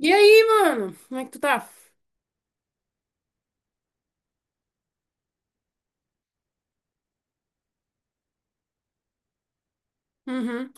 E aí, mano? Como é que tu tá? Uhum.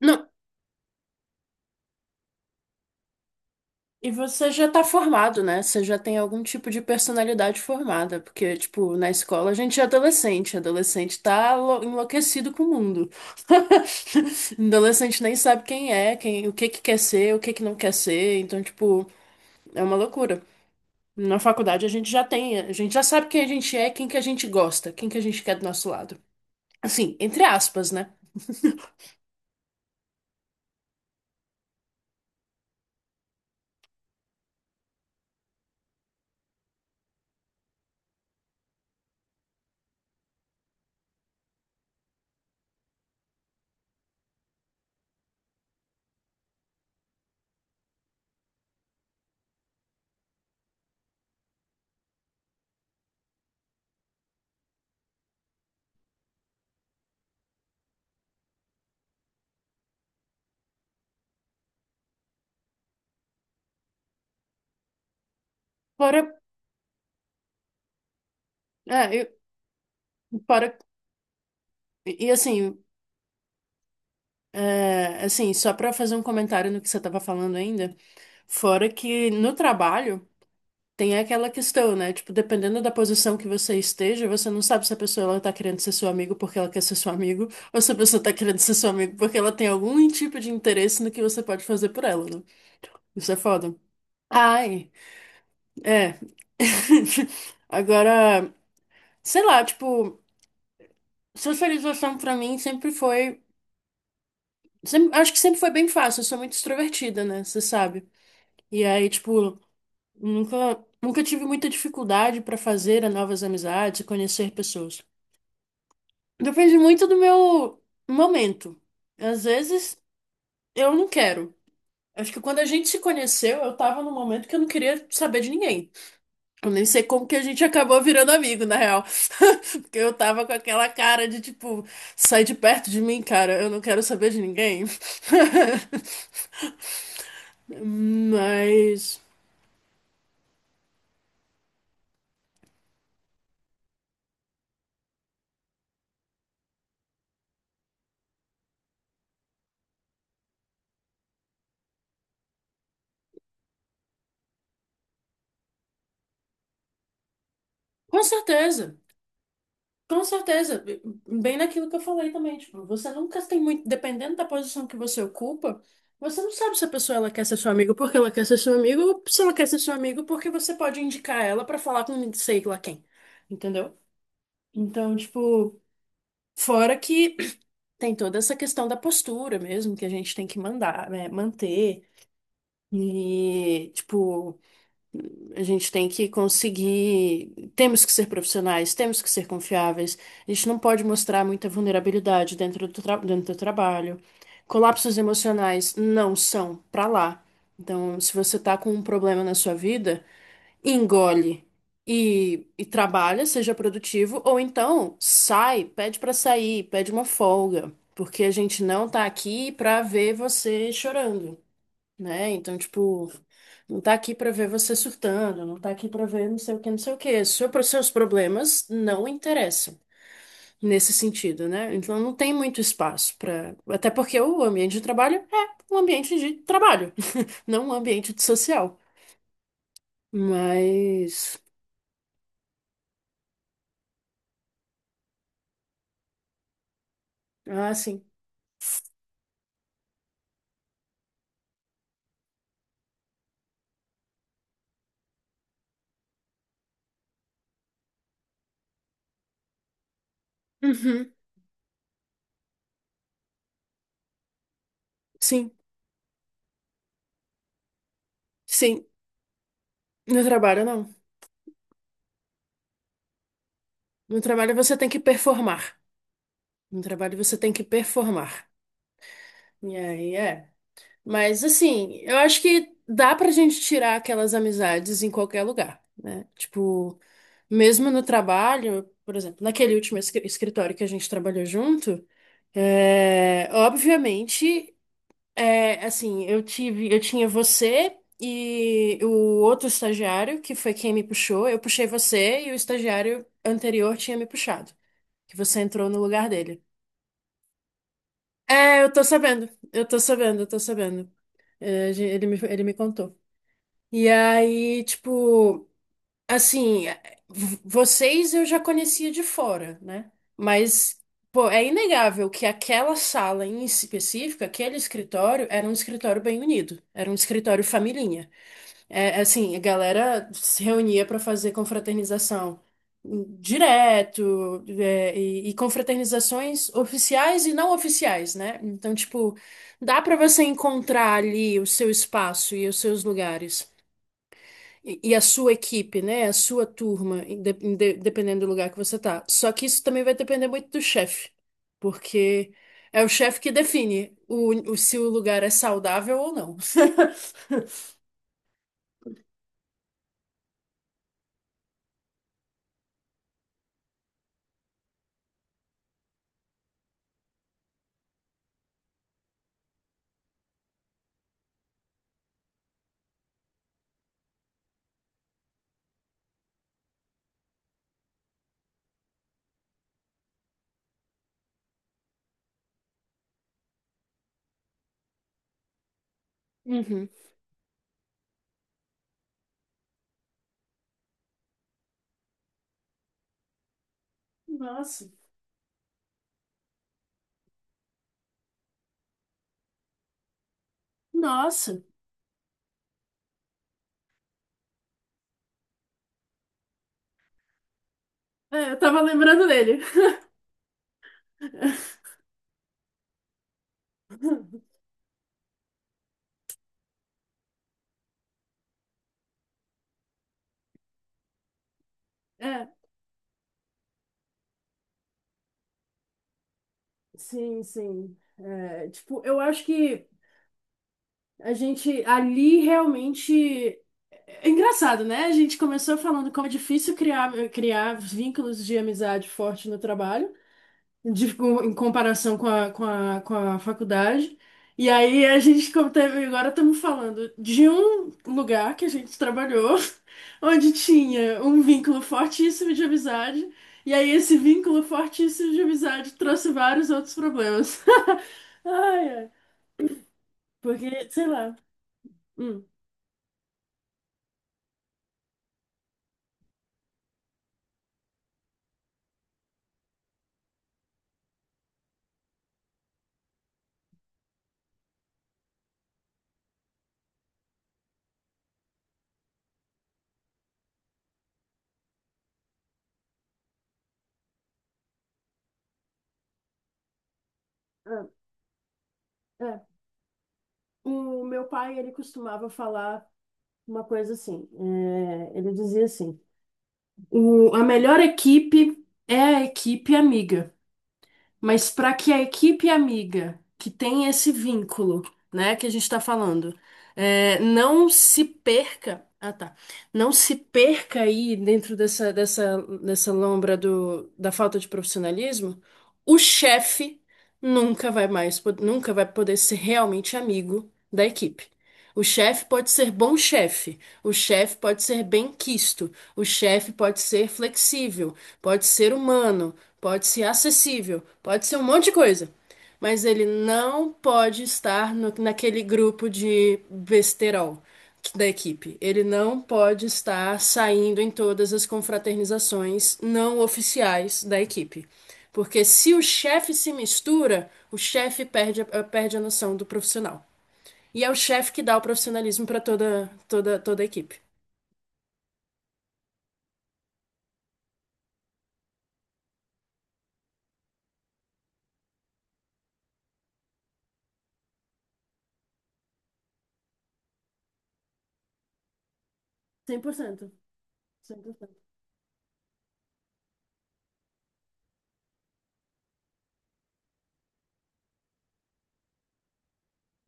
Não. E você já tá formado, né? Você já tem algum tipo de personalidade formada, porque, tipo, na escola a gente é adolescente, adolescente enlouquecido com o mundo. Adolescente nem sabe quem é, quem, o que que quer ser, o que que não quer ser, então, tipo, é uma loucura. Na faculdade a gente já tem, a gente já sabe quem a gente é, quem que a gente gosta, quem que a gente quer do nosso lado. Assim, entre aspas, né? Fora, é, eu, fora, e, assim, Assim, Só para fazer um comentário no que você estava falando ainda, fora que no trabalho tem aquela questão, né? Tipo, dependendo da posição que você esteja, você não sabe se a pessoa ela tá querendo ser seu amigo porque ela quer ser seu amigo, ou se a pessoa tá querendo ser seu amigo porque ela tem algum tipo de interesse no que você pode fazer por ela, né? Isso é foda. Ai, é. Agora, sei lá, tipo, socialização pra mim sempre foi, acho que sempre foi bem fácil, eu sou muito extrovertida, né? Você sabe. E aí, tipo, Nunca tive muita dificuldade para fazer novas amizades e conhecer pessoas. Depende muito do meu momento. Às vezes eu não quero. Acho que quando a gente se conheceu, eu tava num momento que eu não queria saber de ninguém. Eu nem sei como que a gente acabou virando amigo, na real. Porque eu tava com aquela cara de tipo, sai de perto de mim, cara, eu não quero saber de ninguém. Mas, com certeza. Com certeza, bem naquilo que eu falei também, tipo, você nunca tem muito, dependendo da posição que você ocupa, você não sabe se a pessoa ela quer ser seu amigo porque ela quer ser seu amigo ou se ela quer ser seu amigo porque você pode indicar ela pra falar com sei lá quem, entendeu? Então, tipo, fora que tem toda essa questão da postura mesmo que a gente tem que mandar, né, manter e, tipo, a gente tem que conseguir. Temos que ser profissionais, temos que ser confiáveis. A gente não pode mostrar muita vulnerabilidade dentro do trabalho. Colapsos emocionais não são pra lá. Então, se você tá com um problema na sua vida, engole e trabalha, seja produtivo, ou então sai, pede pra sair, pede uma folga, porque a gente não tá aqui pra ver você chorando, né? Então, tipo, não tá aqui pra ver você surtando, não tá aqui pra ver não sei o que, não sei o que. Seus problemas não interessam nesse sentido, né? Então, não tem muito espaço pra. Até porque o ambiente de trabalho é um ambiente de trabalho, não um ambiente de social. Mas, ah, sim. Uhum. Sim, sim. No trabalho, não. No trabalho você tem que performar. No trabalho você tem que performar. E aí, é. Mas assim, eu acho que dá pra gente tirar aquelas amizades em qualquer lugar, né? Tipo, mesmo no trabalho, por exemplo, naquele último escritório que a gente trabalhou junto, é, obviamente, é, assim, eu tinha você e o outro estagiário, que foi quem me puxou, eu puxei você e o estagiário anterior tinha me puxado, que você entrou no lugar dele. É, eu tô sabendo, eu tô sabendo, eu tô sabendo. É, ele me contou. E aí, tipo, assim, vocês eu já conhecia de fora, né? Mas, pô, é inegável que aquela sala em específico, aquele escritório, era um escritório bem unido, era um escritório familhinha. É, assim, a galera se reunia para fazer confraternização direto, é, e confraternizações oficiais e não oficiais, né? Então, tipo, dá para você encontrar ali o seu espaço e os seus lugares, e a sua equipe, né? A sua turma, dependendo do lugar que você tá. Só que isso também vai depender muito do chefe, porque é o chefe que define se o lugar é saudável ou não. Uhum. Nossa, nossa. É, eu tava lembrando dele. É, sim, sim. É, tipo, eu acho que a gente ali realmente é é engraçado, né? A gente começou falando como é difícil criar, criar vínculos de amizade forte no trabalho, em comparação com com a faculdade. E aí a gente como teve- agora estamos falando de um lugar que a gente trabalhou, onde tinha um vínculo fortíssimo de amizade, e aí esse vínculo fortíssimo de amizade trouxe vários outros problemas. Ai, ai. Porque, sei lá. Hum. Ah. É, o meu pai, ele costumava falar uma coisa assim, é, ele dizia assim, "O- "a melhor equipe é a equipe amiga, mas para que a equipe amiga, que tem esse vínculo, né, que a gente está falando, é, não se perca, ah tá, não se perca aí dentro dessa lombra da falta de profissionalismo, o chefe nunca vai poder ser realmente amigo da equipe. O chefe pode ser bom chefe, o chefe pode ser bem quisto, o chefe pode ser flexível, pode ser humano, pode ser acessível, pode ser um monte de coisa. Mas ele não pode estar naquele grupo de besterol da equipe. Ele não pode estar saindo em todas as confraternizações não oficiais da equipe. Porque se o chefe se mistura, o chefe perde, perde a noção do profissional. E é o chefe que dá o profissionalismo para toda a equipe. Cem por cento. 100%.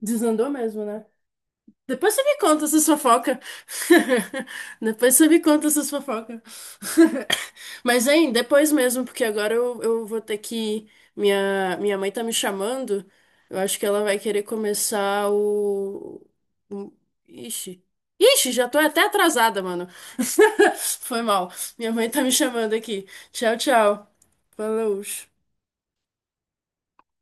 Desandou mesmo, né? Depois você me conta essas fofocas. Depois você me conta essas fofocas. Mas, hein, depois mesmo, porque agora eu vou ter que. Minha mãe tá me chamando. Eu acho que ela vai querer começar o- Ixi. Ixi, já tô até atrasada, mano. Foi mal. Minha mãe tá me chamando aqui. Tchau, tchau. Falou.